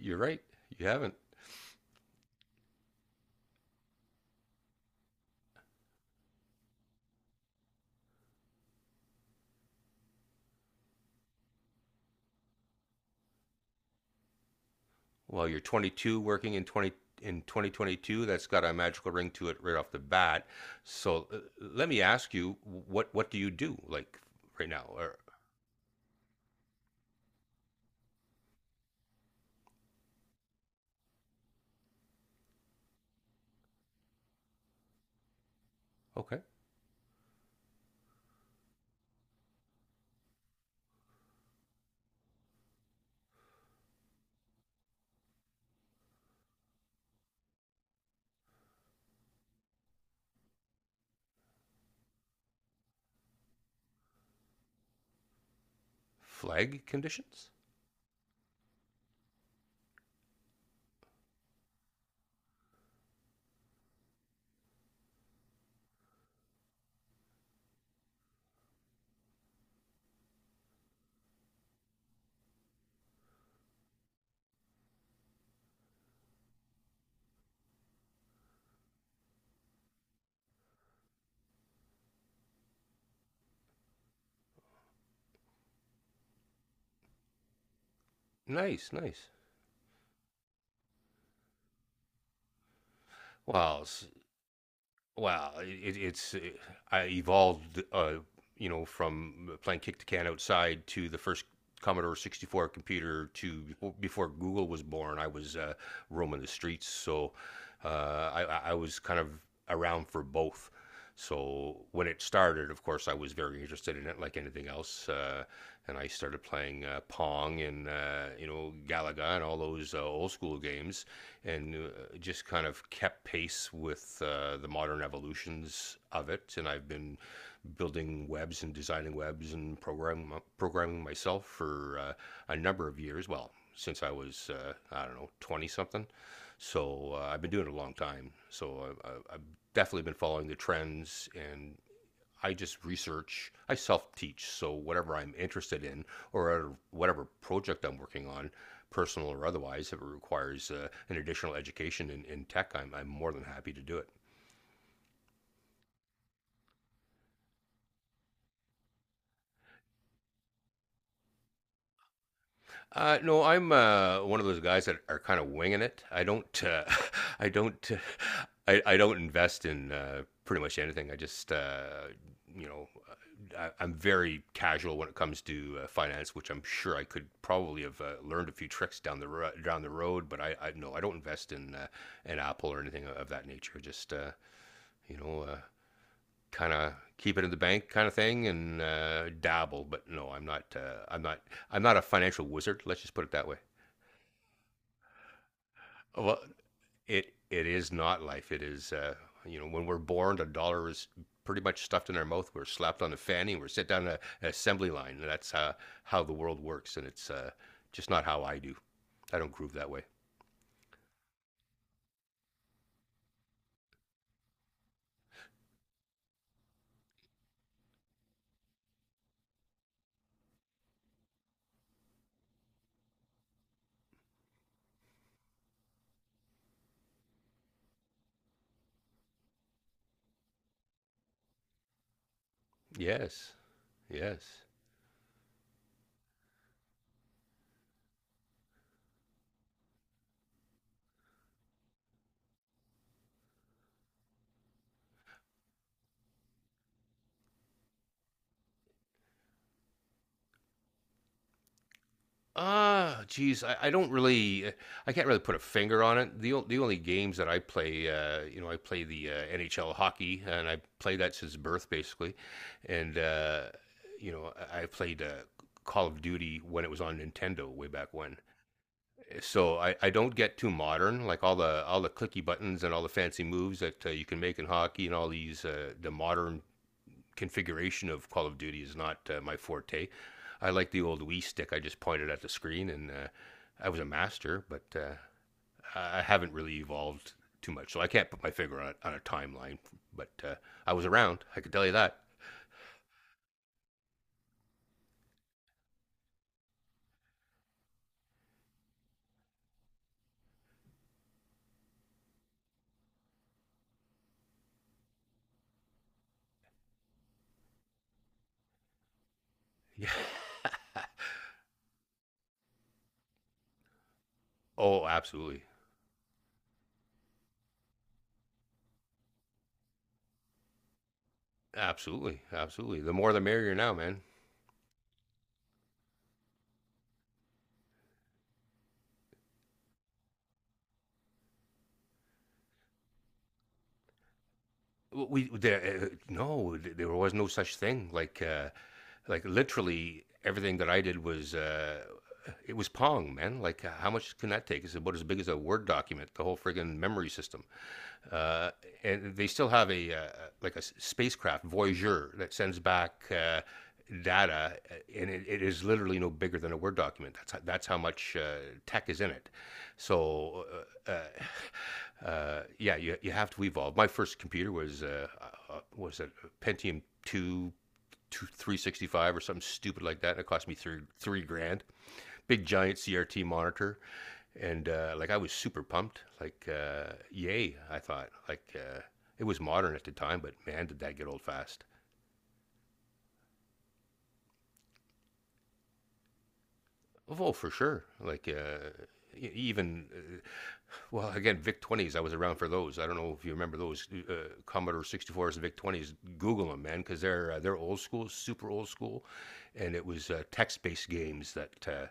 You're right. You haven't. Well, you're 22, working in 20 in 2022. That's got a magical ring to it right off the bat. So let me ask you, what do you do like right now? Or okay, flag conditions. Nice, nice. Well, Well, I evolved, you know, from playing kick the can outside to the first Commodore 64 computer to before Google was born. I was roaming the streets, so I was kind of around for both. So when it started, of course, I was very interested in it, like anything else. And I started playing Pong and you know, Galaga and all those old school games, and just kind of kept pace with the modern evolutions of it. And I've been building webs and designing webs and programming myself for a number of years. Well, since I was I don't know, twenty something, so I've been doing it a long time. So I've definitely been following the trends, and I just research, I self teach. So whatever I'm interested in or whatever project I'm working on, personal or otherwise, if it requires an additional education in tech, I'm more than happy to do it. No, I'm one of those guys that are kind of winging it. I don't, I don't, uh, I don't invest in pretty much anything. I just, you know, I'm very casual when it comes to finance, which I'm sure I could probably have learned a few tricks down the road. But I no, I don't invest in an Apple or anything of that nature. Just, you know, kind of keep it in the bank kind of thing, and dabble. But no, I'm not a financial wizard. Let's just put it that way. Well, it is not life. It is you know, when we're born, a dollar is pretty much stuffed in our mouth. We're slapped on a fanny. We're set down a, an assembly line. And that's how the world works, and it's just not how I do. I don't groove that way. Yes, yes. Ah, geez, I can't really put a finger on it. The only games that I play, you know, I play the NHL hockey, and I play that since birth, basically. And you know, I played Call of Duty when it was on Nintendo way back when. So I don't get too modern, like all the clicky buttons and all the fancy moves that you can make in hockey and all these the modern configuration of Call of Duty is not my forte. I like the old Wii stick. I just pointed at the screen, and I was a master, but I haven't really evolved too much, so I can't put my finger on a timeline. But I was around. I can tell you that. Yeah. Oh, absolutely, absolutely, absolutely. The more the merrier now, man. No, there was no such thing. Like literally everything that I did was it was Pong, man. Like, how much can that take? It's about as big as a Word document. The whole friggin' memory system, uh, and they still have a like a spacecraft Voyager that sends back data and it is literally no bigger than a Word document. That's how, that's how much tech is in it. So uh, uh, yeah, you have to evolve. My first computer was a Pentium 2, 365 or something stupid like that, and it cost me three three grand. Big giant CRT monitor, and like I was super pumped. Like yay, I thought. Like it was modern at the time, but man, did that get old fast. Oh, for sure. Like e- even well, again, VIC 20s, I was around for those. I don't know if you remember those Commodore 64s and VIC 20s. Google them, man, because they're old school, super old school. And it was text based games that, uh,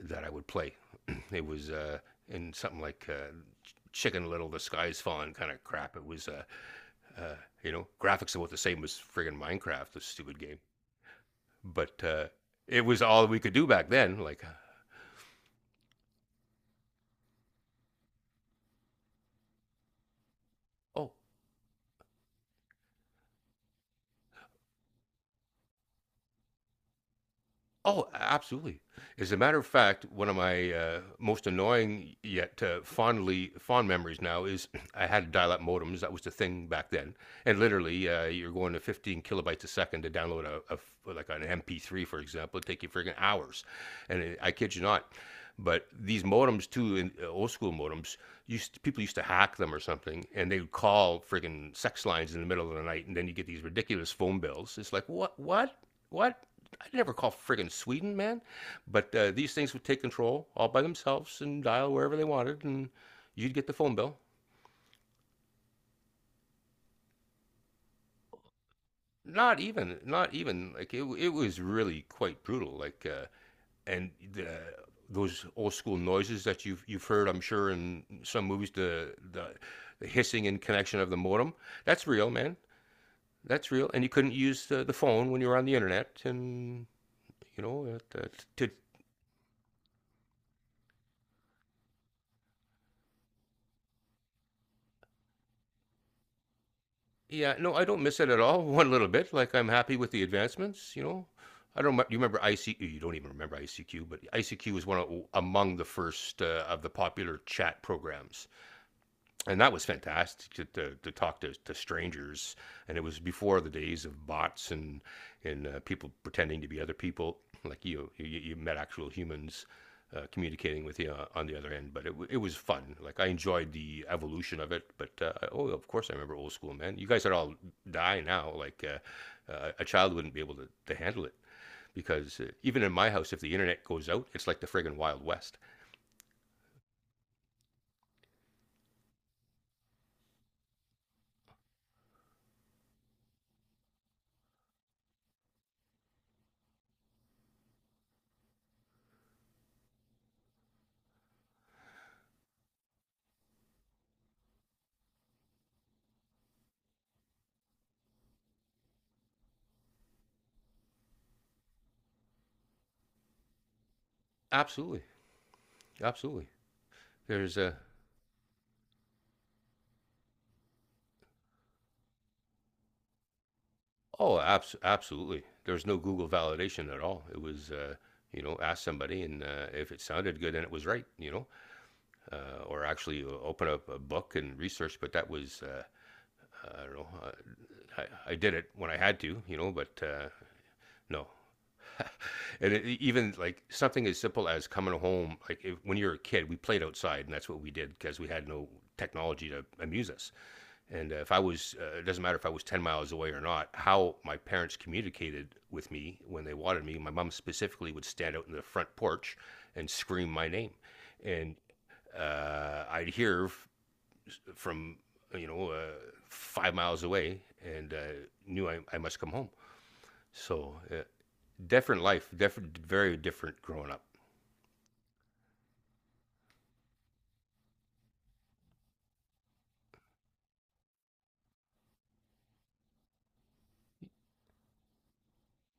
that I would play. It was in something like Chicken Little, the sky's falling, kind of crap. It was, uh, you know, graphics about the same as friggin' Minecraft, the stupid game. But it was all we could do back then. Like, oh, oh, absolutely. As a matter of fact, one of my most annoying yet fondly fond memories now is I had dial-up modems. That was the thing back then, and literally you're going to 15 kilobytes a second to download like an MP3, for example. It'd take you friggin' hours, and it, I kid you not. But these modems too, in, old school modems, people used to hack them or something, and they would call friggin' sex lines in the middle of the night, and then you get these ridiculous phone bills. It's like what, what? I would never call friggin' Sweden, man. But these things would take control all by themselves and dial wherever they wanted, and you'd get the phone bill. Not even, not even like it. It was really quite brutal. Like, and those old school noises that you've heard, I'm sure, in some movies, the hissing and connection of the modem. That's real, man. That's real. And you couldn't use the phone when you were on the internet, and you know, to yeah, no, I don't miss it at all. One little bit. Like, I'm happy with the advancements. You know, I don't. Remem- you remember ICQ? You don't even remember ICQ, but ICQ was one of, among the first of the popular chat programs, and that was fantastic to talk to strangers. And it was before the days of bots and people pretending to be other people. Like you met actual humans communicating with you on the other end. But it was fun. Like, I enjoyed the evolution of it. But oh, of course, I remember old school, man. You guys would all die now. Like a child wouldn't be able to handle it because even in my house, if the internet goes out, it's like the friggin' wild west. Absolutely, absolutely. There's a oh, absolutely. There's no Google validation at all. It was, you know, ask somebody, and if it sounded good, then it was right, you know, or actually open up a book and research. But that was, I don't know, I did it when I had to, you know, but no. And it, even like something as simple as coming home, like if, when you're a kid, we played outside, and that's what we did because we had no technology to amuse us. And if I was, it doesn't matter if I was 10 miles away or not, how my parents communicated with me when they wanted me, my mom specifically would stand out in the front porch and scream my name. And I'd hear from, you know, 5 miles away, and knew I must come home. So, different life, different, very different growing up.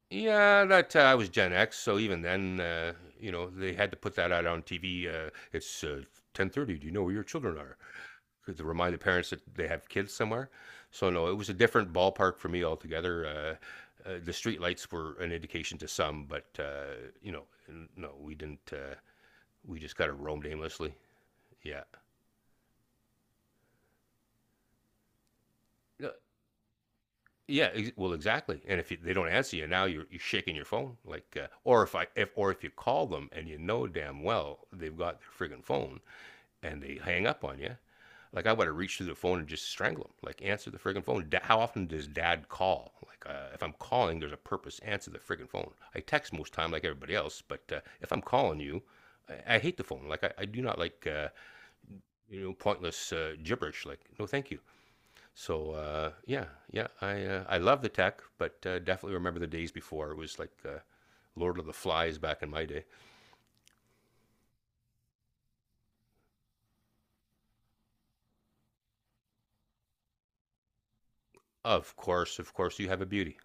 Yeah, that I was Gen X, so even then, you know, they had to put that out on TV. It's 10:30. Do you know where your children are? To remind the parents that they have kids somewhere. So no, it was a different ballpark for me altogether. The streetlights were an indication to some, but you know, no, we didn't. We just kind of roamed aimlessly. Yeah. No, exactly. And if you, they don't answer you now, you're shaking your phone. Like, or if I, if or if you call them and you know damn well they've got their friggin' phone and they hang up on you, like I would have reached through the phone and just strangle him. Like, answer the friggin' phone. How often does dad call? Like if I'm calling, there's a purpose. Answer the friggin' phone. I text most time like everybody else, but if I'm calling you, I hate the phone. Like I do not like you know, pointless gibberish. Like, no, thank you. So yeah, I love the tech, but definitely remember the days before it was like Lord of the Flies back in my day. Of course, you have a beauty.